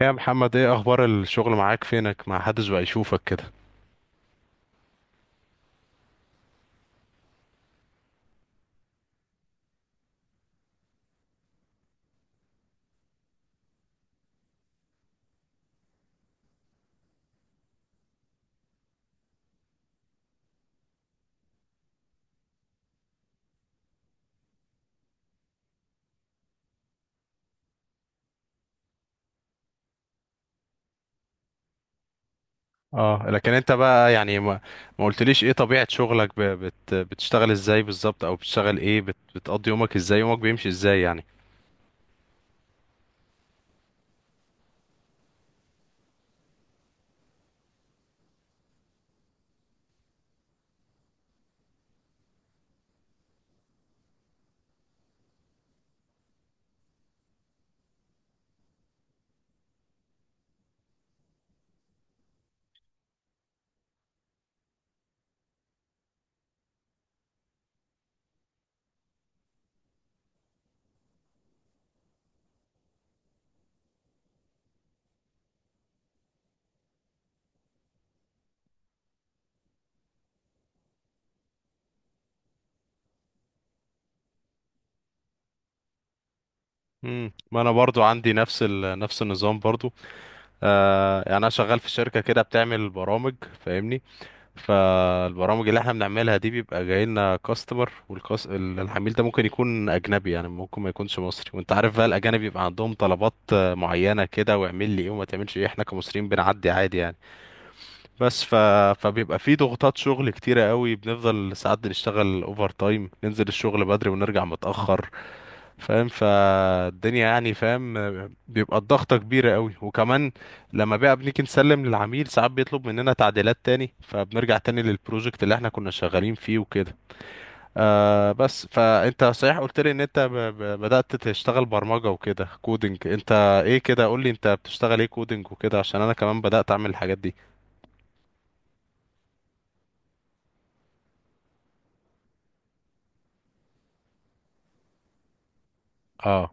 ايه يا محمد، ايه اخبار الشغل معاك؟ فينك؟ ما حدش بقى يشوفك كده. اه، لكن انت بقى يعني ما قلتليش ايه طبيعة شغلك؟ بتشتغل ازاي بالظبط؟ او بتشتغل ايه؟ بتقضي يومك ازاي؟ يومك بيمشي ازاي يعني؟ ما انا برضو عندي نفس نفس النظام برضو. آه يعني انا شغال في شركة كده بتعمل برامج. فاهمني؟ فالبرامج اللي احنا بنعملها دي بيبقى جاي لنا كاستمر، والكاس العميل ده ممكن يكون اجنبي، يعني ممكن ما يكونش مصري. وانت عارف بقى الاجانب بيبقى عندهم طلبات آه، معينه كده، واعمل لي ايه وما تعملش ايه. احنا كمصريين بنعدي عادي يعني. بس فبيبقى في ضغوطات شغل كتيره قوي، بنفضل ساعات بنشتغل اوفر تايم، ننزل الشغل بدري ونرجع متاخر. فاهم؟ فالدنيا يعني فاهم. بيبقى الضغطة كبيرة قوي، وكمان لما بقى بنيجي نسلم للعميل ساعات بيطلب مننا تعديلات تاني، فبنرجع تاني للبروجكت اللي احنا كنا شغالين فيه وكده. آه بس، فانت صحيح قلت لي ان انت ب ب بدأت تشتغل برمجة وكده، كودينج. انت ايه كده؟ قول لي انت بتشتغل ايه كودينج وكده، عشان انا كمان بدأت اعمل الحاجات دي. اه.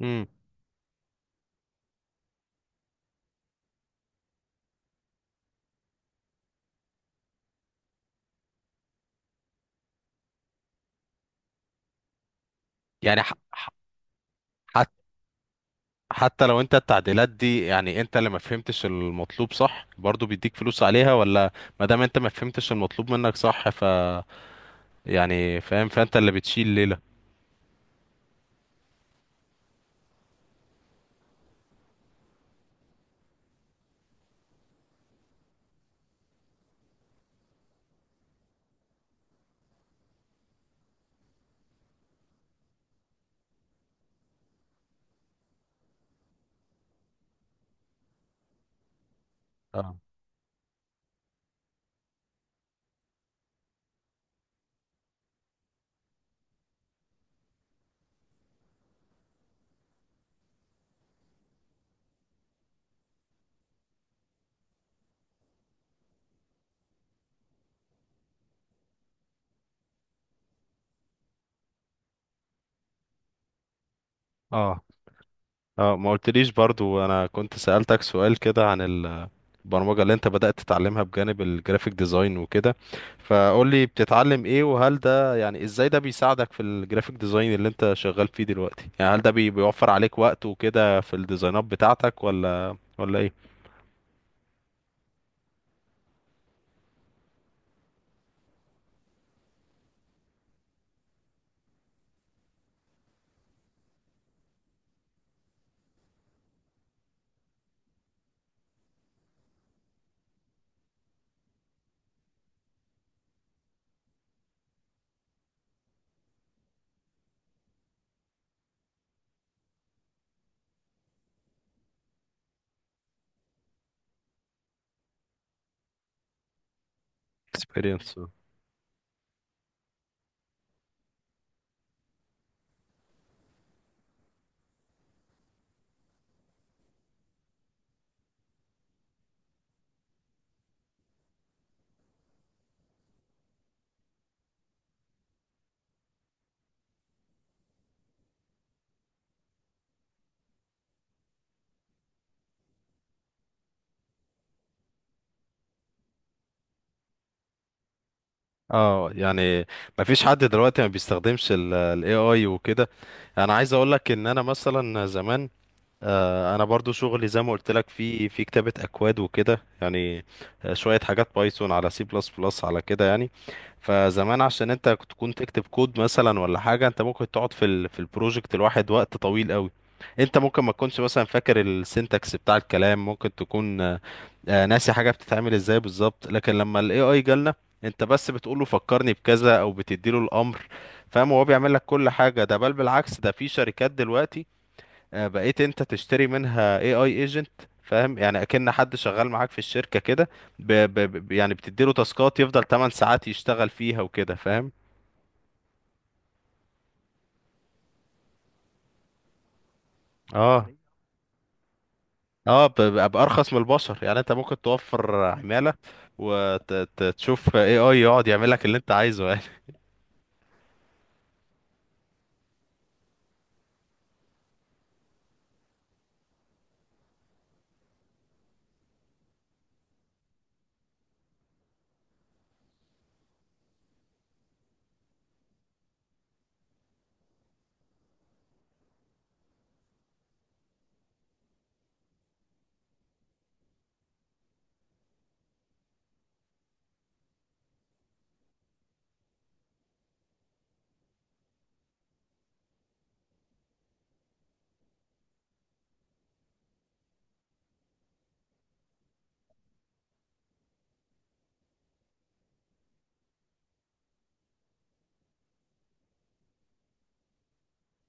امم. يعني ح ح حتى لو انت التعديلات دي يعني انت اللي ما فهمتش المطلوب صح، برضو بيديك فلوس عليها ولا؟ ما دام انت ما فهمتش المطلوب منك صح، ف يعني فاهم، فانت اللي بتشيل ليلة. اه. اه. اه، ما قلتليش برضو، انا كنت سألتك سؤال كده عن البرمجة اللي انت بدأت تتعلمها بجانب الجرافيك ديزاين وكده. فقول لي بتتعلم ايه؟ وهل ده يعني ازاي ده بيساعدك في الجرافيك ديزاين اللي انت شغال فيه دلوقتي؟ يعني هل ده بيوفر عليك وقت وكده في الديزاينات بتاعتك؟ ولا ايه؟ experience. اه يعني ما فيش حد دلوقتي ما بيستخدمش ال AI وكده. انا عايز اقول لك ان انا مثلا زمان، آه، انا برضو شغلي زي ما قلت لك في كتابة اكواد وكده يعني. آه، شوية حاجات بايثون على سي بلس بلس على كده يعني. فزمان عشان انت تكون تكتب كود مثلا ولا حاجة، انت ممكن تقعد في في البروجكت الواحد وقت طويل قوي. انت ممكن ما تكونش مثلا فاكر السنتكس بتاع الكلام، ممكن تكون آه، ناسي حاجه بتتعمل ازاي بالظبط. لكن لما الاي اي جالنا، انت بس بتقول له فكرني بكذا او بتديله الامر، فاهم، هو بيعمل لك كل حاجه. ده بل بالعكس، ده في شركات دلوقتي آه، بقيت انت تشتري منها اي اي ايجنت. فاهم يعني؟ اكن حد شغال معاك في الشركه كده. ب... ب... يعني بتديله تاسكات يفضل 8 ساعات يشتغل فيها وكده. فاهم؟ اه. اه، بارخص من البشر، يعني انت ممكن توفر عماله، وتشوف اي اي يقعد يعمل لك اللي انت عايزه يعني.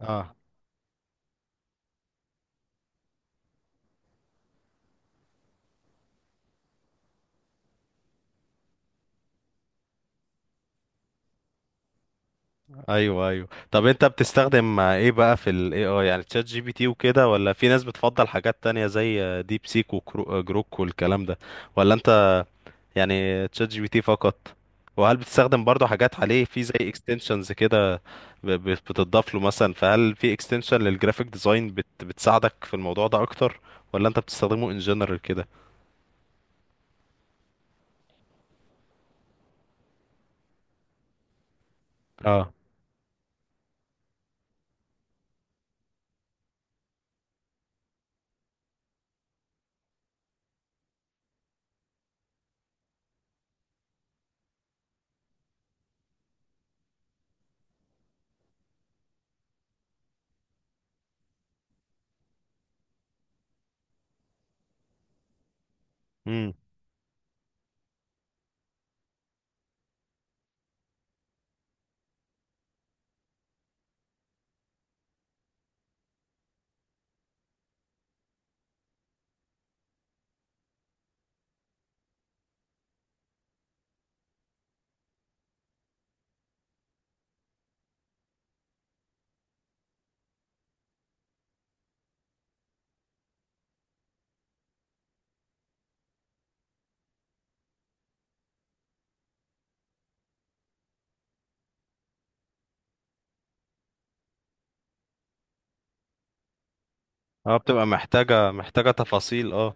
اه. ايوه ايوه، طب انت بتستخدم ايه بقى في الاي اي؟ يعني تشات جي بي تي وكده؟ ولا في ناس بتفضل حاجات تانية زي ديب سيك وجروك والكلام ده؟ ولا انت يعني تشات جي بي تي فقط؟ وهل بتستخدم برضو حاجات عليه في زي اكستنشنز كده بتضاف له مثلا؟ فهل في اكستنشن للجرافيك ديزاين بتساعدك في الموضوع ده اكتر؟ ولا انت بتستخدمه ان جنرال كده؟ اه. امم. اه بتبقى محتاجة محتاجة تفاصيل، اه.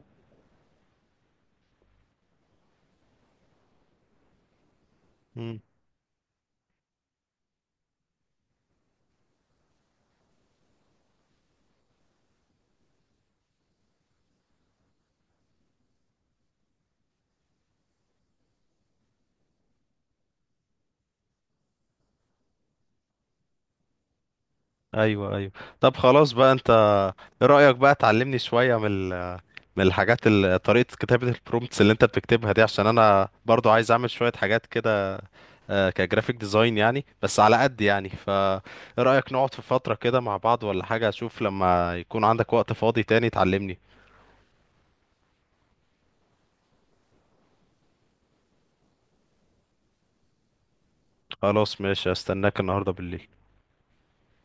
ايوه ايوه، طب خلاص بقى انت، ايه رأيك بقى تعلمني شوية من من الحاجات طريقة كتابة البرومتس اللي انت بتكتبها دي؟ عشان انا برضو عايز اعمل شوية حاجات كده آه، كجرافيك ديزاين يعني، بس على قد يعني. فايه رأيك نقعد في فترة كده مع بعض ولا حاجة؟ اشوف لما يكون عندك وقت فاضي تاني تعلمني. خلاص، ماشي، استناك النهاردة بالليل.